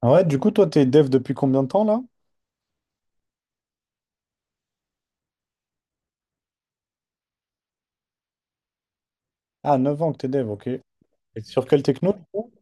Ah ouais, du coup, toi, t'es dev depuis combien de temps là? Ah, 9 ans que t'es dev, ok. Et sur quelle techno, du coup?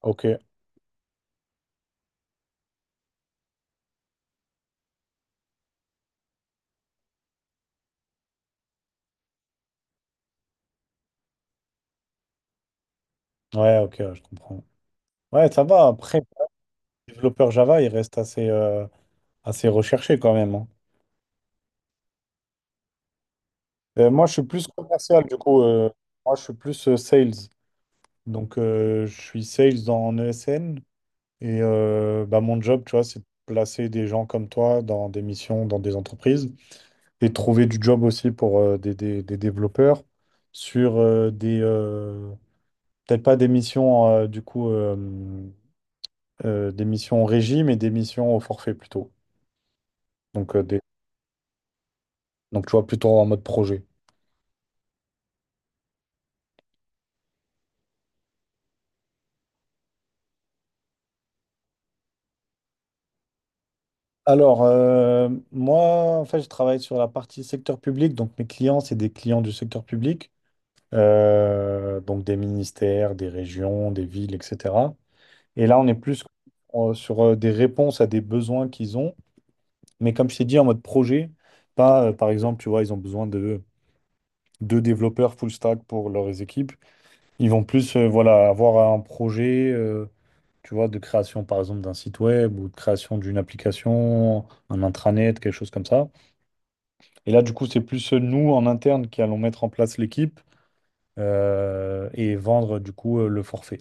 Ok, ouais, ok, ouais, je comprends. Ouais, ça va. Après, pour développeur Java, il reste assez recherché quand même, hein. Moi, je suis plus commercial, du coup. Moi, je suis plus sales. Donc, je suis sales en ESN. Et bah, mon job, tu vois, c'est de placer des gens comme toi dans des missions, dans des entreprises. Et de trouver du job aussi pour des développeurs sur peut-être pas des missions, du coup, des missions en régie, mais des missions au forfait plutôt. Donc. Donc tu vois, plutôt en mode projet. Alors, moi, en fait, je travaille sur la partie secteur public. Donc, mes clients, c'est des clients du secteur public. Donc, des ministères, des régions, des villes, etc. Et là, on est plus sur des réponses à des besoins qu'ils ont. Mais comme je t'ai dit, en mode projet, pas, par exemple, tu vois, ils ont besoin de deux développeurs full stack pour leurs équipes. Ils vont plus voilà, avoir un projet tu vois, de création, par exemple, d'un site web ou de création d'une application, un intranet, quelque chose comme ça. Et là, du coup, c'est plus nous, en interne, qui allons mettre en place l'équipe et vendre, du coup, le forfait.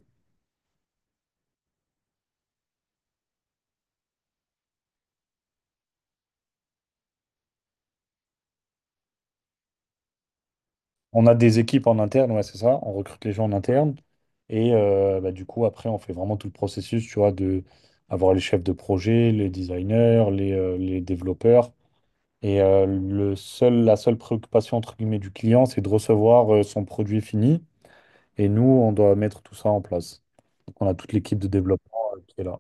On a des équipes en interne, ouais, c'est ça. On recrute les gens en interne. Et bah, du coup, après, on fait vraiment tout le processus, tu vois, de avoir les chefs de projet, les designers, les développeurs. Et la seule préoccupation entre guillemets du client, c'est de recevoir son produit fini. Et nous, on doit mettre tout ça en place. Donc, on a toute l'équipe de développement qui est là.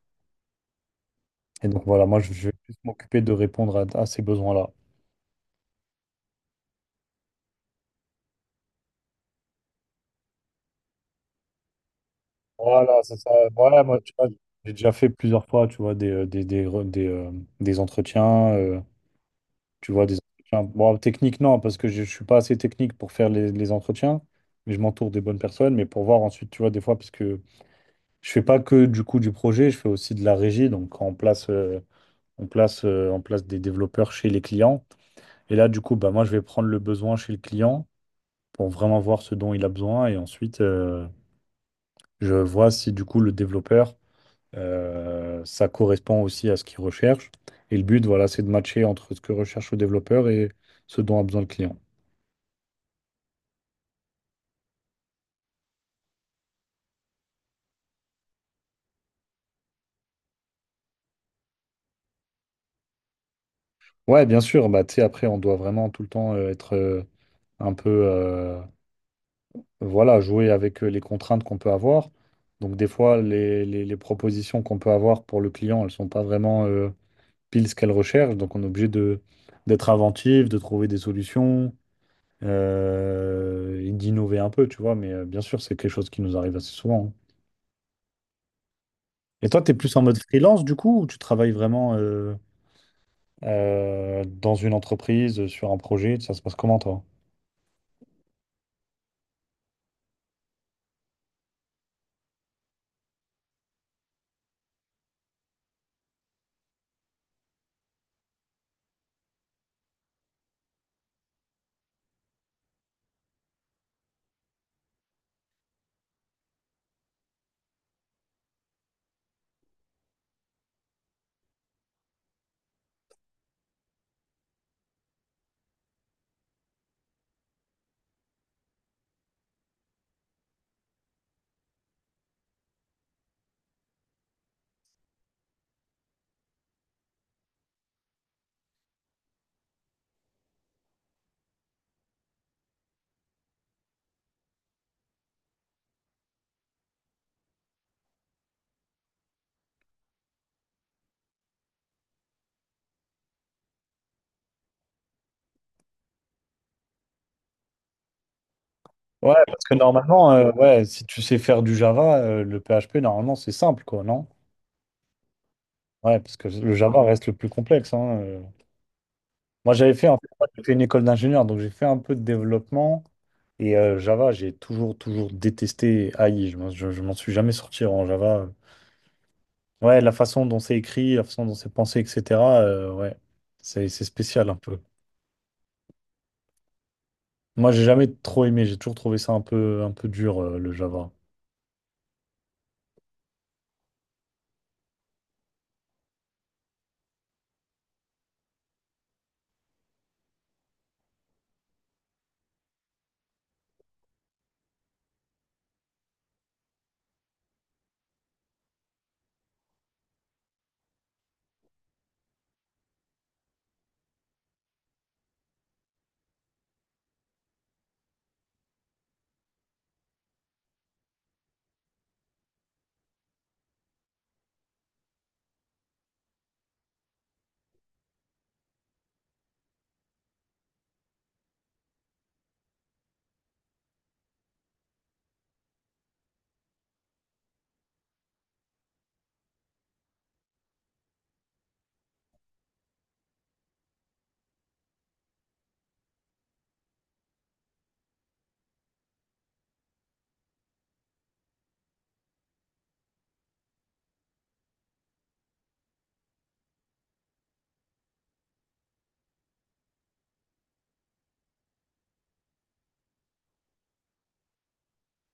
Et donc voilà, moi, je vais plus m'occuper de répondre à ces besoins-là. Voilà, c'est ça. Voilà, moi, tu vois, j'ai déjà fait plusieurs fois, tu vois, des entretiens, tu vois, des entretiens. Bon, technique, non, parce que je ne suis pas assez technique pour faire les entretiens, mais je m'entoure des bonnes personnes. Mais pour voir ensuite, tu vois, des fois, parce que je fais pas que du coup du projet, je fais aussi de la régie. Donc on place des développeurs chez les clients. Et là, du coup, bah, moi, je vais prendre le besoin chez le client pour vraiment voir ce dont il a besoin. Et ensuite, je vois si du coup le développeur, ça correspond aussi à ce qu'il recherche. Et le but, voilà, c'est de matcher entre ce que recherche le développeur et ce dont a besoin le client. Ouais, bien sûr, bah, tu sais, après, on doit vraiment tout le temps être un peu, voilà, jouer avec les contraintes qu'on peut avoir. Donc des fois, les propositions qu'on peut avoir pour le client, elles ne sont pas vraiment pile ce qu'elles recherchent. Donc on est obligé d'être inventif, de trouver des solutions et d'innover un peu, tu vois. Mais bien sûr, c'est quelque chose qui nous arrive assez souvent, hein. Et toi, tu es plus en mode freelance du coup, ou tu travailles vraiment dans une entreprise, sur un projet? Ça se passe comment toi? Ouais, parce que normalement, ouais, si tu sais faire du Java, le PHP, normalement, c'est simple, quoi, non? Ouais, parce que le Java reste le plus complexe, hein. Moi, j'avais fait, en fait, moi, j'ai fait une école d'ingénieur, donc j'ai fait un peu de développement. Et Java, j'ai toujours, toujours détesté AI. Je m'en suis jamais sorti en Java. Ouais, la façon dont c'est écrit, la façon dont c'est pensé, etc. Ouais, c'est spécial un peu. Moi, j'ai jamais trop aimé. J'ai toujours trouvé ça un peu dur le Java.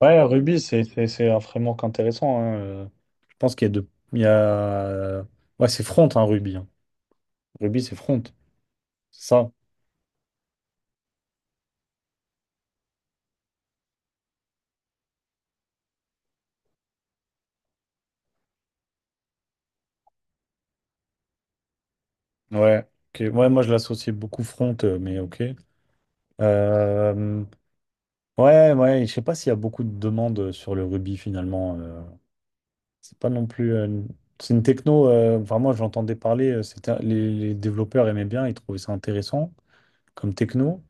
Ouais, Ruby, c'est c'est un framework intéressant, hein. Je pense qu'il y a deux. Il y a. Ouais, c'est front, hein, Ruby, hein. Ruby, c'est front. C'est ça. Ouais. Ok. Ouais, moi, je l'associais beaucoup front, mais ok. Euh, Ouais, ouais. Je sais pas s'il y a beaucoup de demandes sur le Ruby finalement. C'est pas non plus. C'est une techno, vraiment, j'entendais parler, c'était, les développeurs aimaient bien, ils trouvaient ça intéressant comme techno,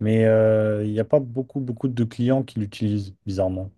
mais il n'y a pas beaucoup, beaucoup de clients qui l'utilisent, bizarrement.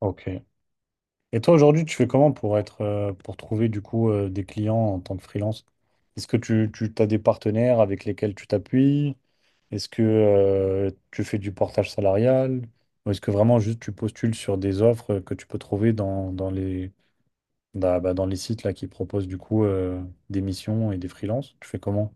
Ok. Et toi, aujourd'hui, tu fais comment pour trouver du coup des clients en tant que freelance? Est-ce que tu as des partenaires avec lesquels tu t'appuies? Est-ce que tu fais du portage salarial? Ou est-ce que vraiment juste tu postules sur des offres que tu peux trouver dans les sites là qui proposent du coup des missions et des freelances, tu fais comment?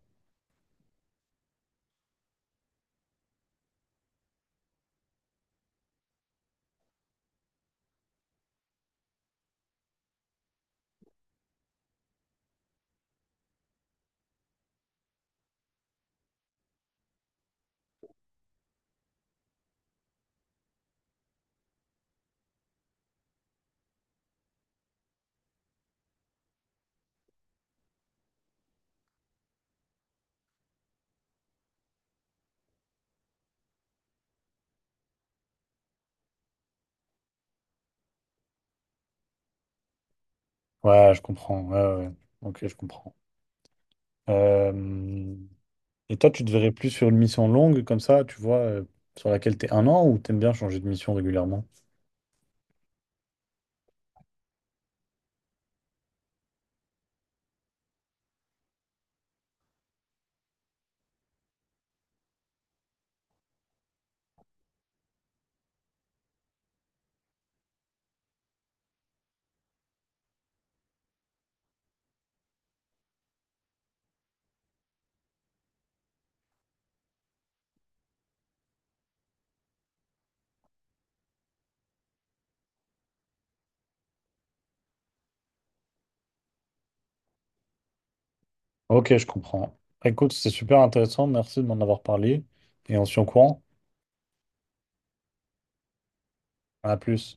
Ouais, je comprends. Ouais, ouais. Ouais. Ok, je comprends. Euh, Et toi, tu te verrais plus sur une mission longue comme ça, tu vois, sur laquelle t'es un an ou t'aimes bien changer de mission régulièrement? Ok, je comprends. Écoute, c'est super intéressant. Merci de m'en avoir parlé. Et on se tient au courant. À plus.